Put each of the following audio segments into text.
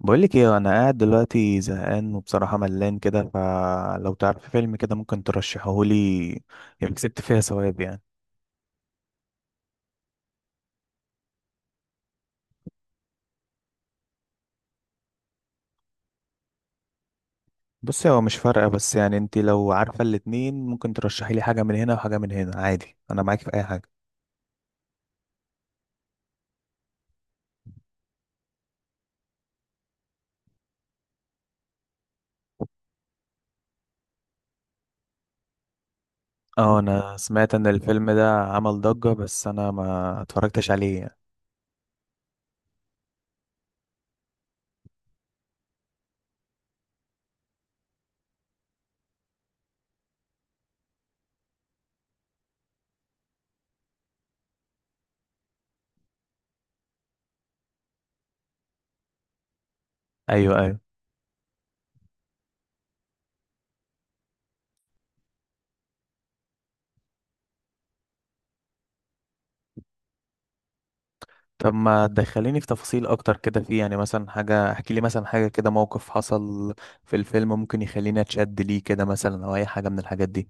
بقولك ايه، انا قاعد دلوقتي زهقان وبصراحة ملان كده. فلو تعرف فيلم كده ممكن ترشحهولي، يبقى كسبت فيها ثواب يعني. بصي، هو مش فارقة، بس يعني انت لو عارفة الاتنين ممكن ترشحي لي حاجة من هنا وحاجة من هنا، عادي انا معاك في اي حاجة. اه انا سمعت ان الفيلم ده عمل ضجة، بس انا ما اتفرجتش عليه يعني. ايوه، ايوه. طب ما تدخليني في تفاصيل اكتر كده، فيه يعني مثلا حاجة، احكي لي مثلا حاجة كده، موقف حصل في الفيلم ممكن يخليني اتشد ليه كده مثلا، او اي حاجة من الحاجات دي.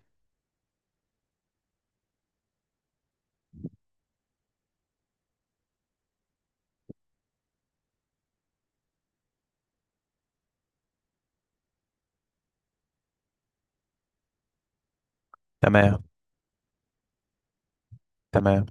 تمام. تمام.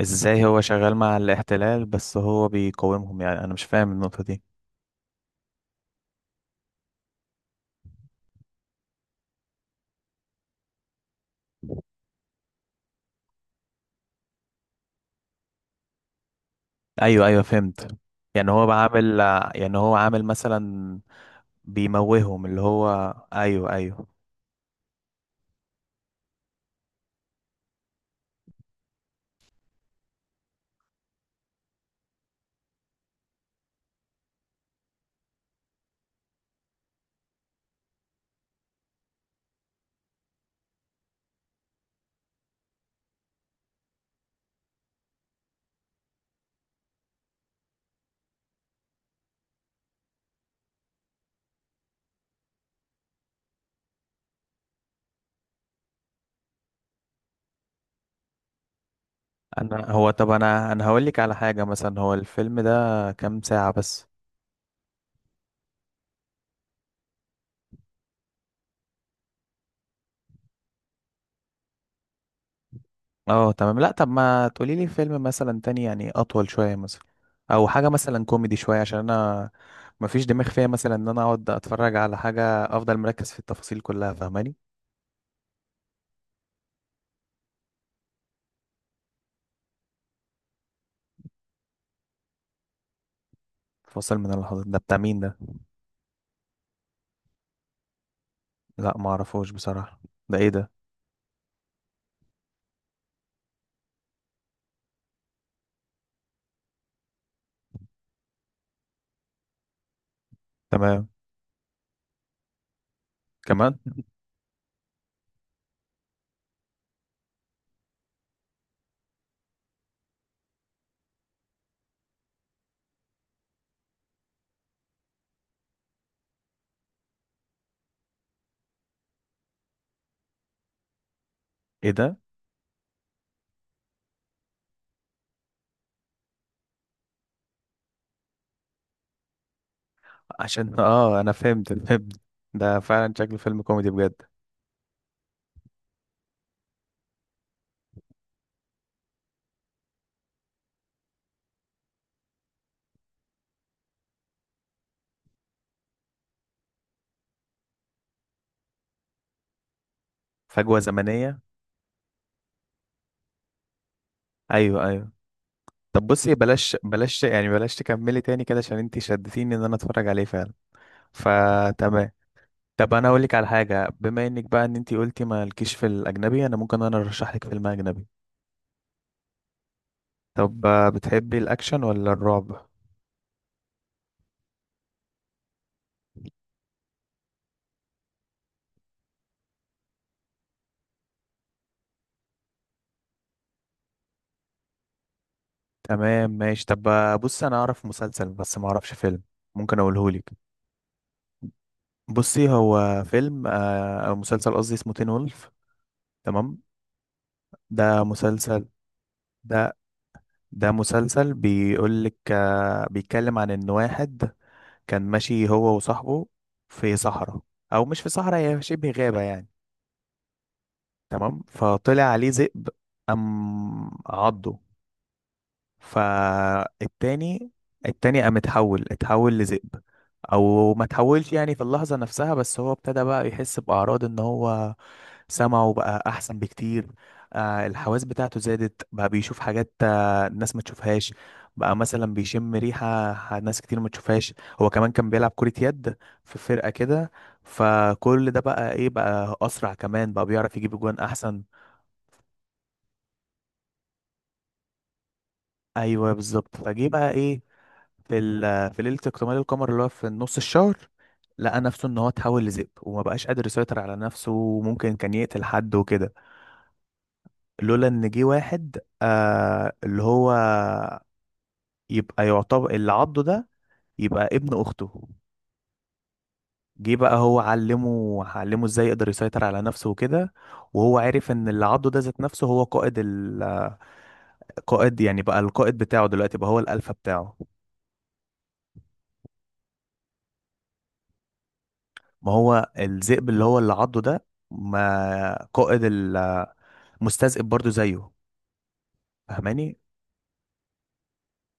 ازاي هو شغال مع الاحتلال، بس هو بيقاومهم؟ يعني انا مش فاهم النقطة دي. ايوه، ايوه، فهمت. يعني هو عامل، يعني هو عامل مثلا بيموههم، اللي هو ايوه، ايوه. انا هو، طب انا هقول لك على حاجة. مثلا هو الفيلم ده كام ساعة بس؟ اه تمام. لا، طب ما تقولي لي فيلم مثلا تاني يعني، اطول شوية مثلا، او حاجة مثلا كوميدي شوية، عشان انا مفيش دماغ فيها مثلا، ان انا اقعد اتفرج على حاجة افضل مركز في التفاصيل كلها، فاهماني؟ فاصل من اللحظات ده بتاع مين ده؟ لا ما اعرفوش بصراحة. ده ايه ده؟ تمام. كمان؟ ايه ده؟ عشان اه انا فهمت، فهمت. ده فعلا شكله فيلم كوميدي بجد. فجوة زمنية؟ ايوه، ايوه. طب بصي، بلاش يعني، بلاش تكملي تاني كده، عشان انتي شدتيني ان انا اتفرج عليه فعلا. فتمام. طب انا اقول لك على حاجه، بما انك بقى ان انت قلتي مالكيش في الاجنبي، انا ممكن انا ارشح لك فيلم اجنبي. طب بتحبي الاكشن ولا الرعب؟ تمام ماشي. طب بص انا اعرف مسلسل بس ما اعرفش فيلم، ممكن اقوله لك. بصي هو فيلم او مسلسل قصدي، اسمه تين وولف. تمام. ده مسلسل. ده، ده مسلسل بيقول لك، بيتكلم عن ان واحد كان ماشي هو وصاحبه في صحراء، او مش في صحراء، هي شبه غابه يعني. تمام. فطلع عليه ذئب، قام عضه. فالتاني، التاني قام اتحول لذئب، او ما اتحولش يعني في اللحظة نفسها، بس هو ابتدى بقى يحس بأعراض ان هو سمعه بقى احسن بكتير. آه الحواس بتاعته زادت، بقى بيشوف حاجات آه الناس ما تشوفهاش. بقى مثلا بيشم ريحة، ناس كتير ما تشوفهاش. هو كمان كان بيلعب كرة يد في فرقة كده، فكل ده بقى ايه، بقى اسرع، كمان بقى بيعرف يجيب جوان احسن. ايوه بالظبط. فجه بقى ايه، في ليله اكتمال القمر اللي هو في نص الشهر، لقى نفسه ان هو اتحول لذئب، وما بقاش قادر يسيطر على نفسه، وممكن كان يقتل حد وكده، لولا ان جه واحد آه اللي هو يبقى يعتبر اللي عضه ده يبقى ابن اخته. جه بقى هو علمه ازاي يقدر يسيطر على نفسه وكده. وهو عرف ان اللي عضه ده ذات نفسه هو قائد، القائد يعني بقى، القائد بتاعه دلوقتي بقى هو الالفا بتاعه. ما هو الذئب اللي هو اللي عضه ده، ما قائد المستذئب برضو زيه، فاهماني؟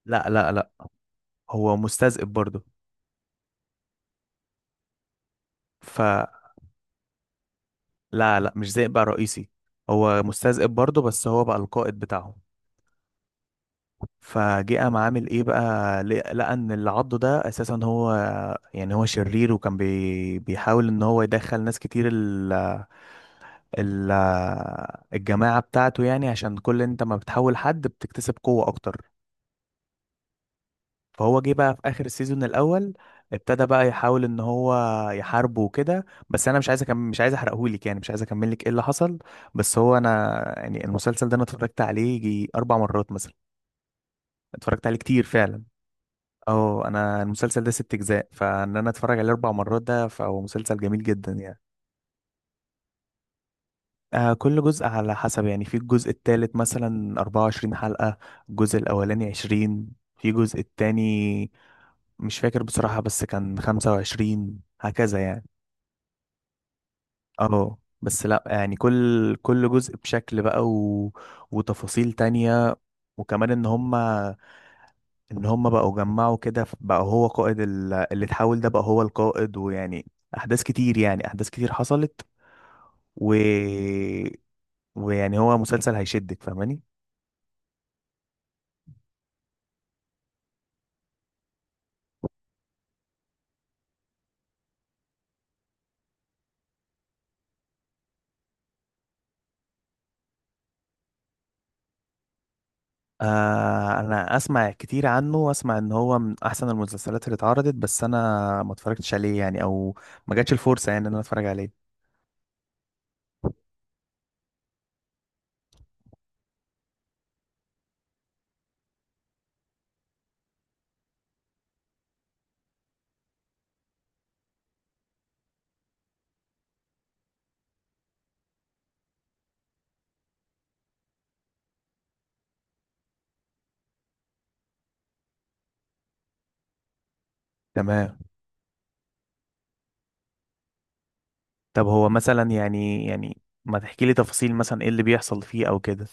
لا، لا، لا، هو مستذئب برضو. فلا، لا، لا، مش ذئب بقى رئيسي، هو مستذئب برضو، بس هو بقى القائد بتاعهم. فجه قام عامل ايه بقى، لقى ان اللي عضه ده اساسا هو يعني هو شرير، وكان بيحاول ان هو يدخل ناس كتير ال ال الجماعة بتاعته يعني، عشان كل انت ما بتحول حد بتكتسب قوة اكتر. فهو جه بقى في اخر السيزون الاول ابتدى بقى يحاول ان هو يحاربه وكده، بس انا مش عايز أكمل، مش عايز احرقهولك يعني، مش عايز اكمل لك ايه اللي حصل. بس هو انا يعني المسلسل ده انا اتفرجت عليه يجي اربع مرات مثلا، اتفرجت عليه كتير فعلا. اه انا المسلسل ده ست اجزاء، فان انا اتفرج عليه اربع مرات ده، فهو مسلسل جميل جدا يعني. آه كل جزء على حسب يعني، في الجزء التالت مثلا 24 حلقة، الجزء الأولاني 20، في الجزء التاني مش فاكر بصراحة، بس كان 25 هكذا يعني. اه بس لا يعني كل جزء بشكل بقى وتفاصيل تانية، وكمان ان هما، بقوا جمعوا كده، بقى هو قائد اللي اتحول ده بقى هو القائد، ويعني احداث كتير، يعني احداث كتير حصلت و... ويعني هو مسلسل هيشدك، فاهماني؟ آه انا اسمع كتير عنه، واسمع ان هو من احسن المسلسلات اللي اتعرضت، بس انا ما اتفرجتش عليه يعني، او ما جاتش الفرصه يعني ان انا اتفرج عليه. تمام. طب هو مثلا يعني، يعني ما تحكي لي تفاصيل مثلا، ايه اللي بيحصل فيه او كده.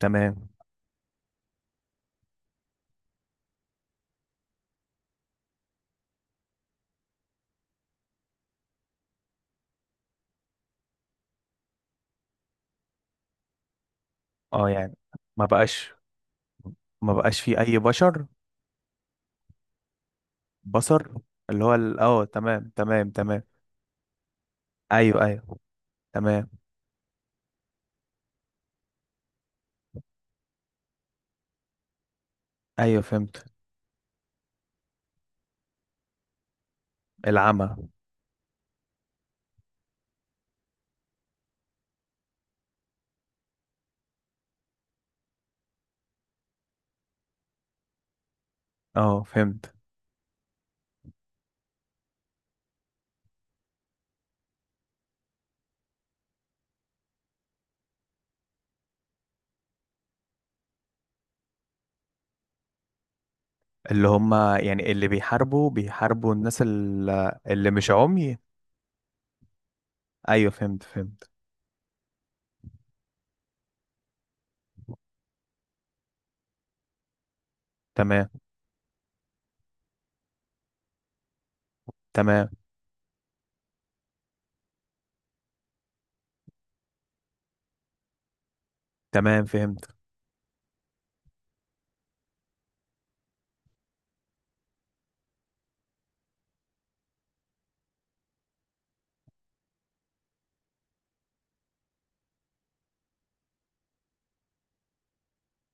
تمام. اه يعني، ما بقاش، ما بقاش فيه اي بشر. بصر، اللي هو اه تمام، تمام، تمام. ايوه، ايوه. تمام. ايوه فهمت. العمى. اه فهمت. اللي هم يعني، اللي بيحاربوا، بيحاربوا الناس اللي مش عمي. ايوه فهمت، فهمت. تمام. تمام، تمام، فهمت.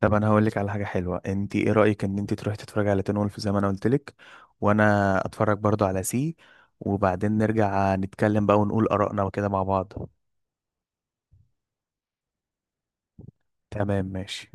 طب انا هقول لك على حاجه حلوه، انت ايه رايك ان انت تروحي تتفرجي على تين وولف زي ما انا قلت لك، وانا اتفرج برضو على سي، وبعدين نرجع نتكلم بقى ونقول ارائنا وكده مع بعض. تمام ماشي.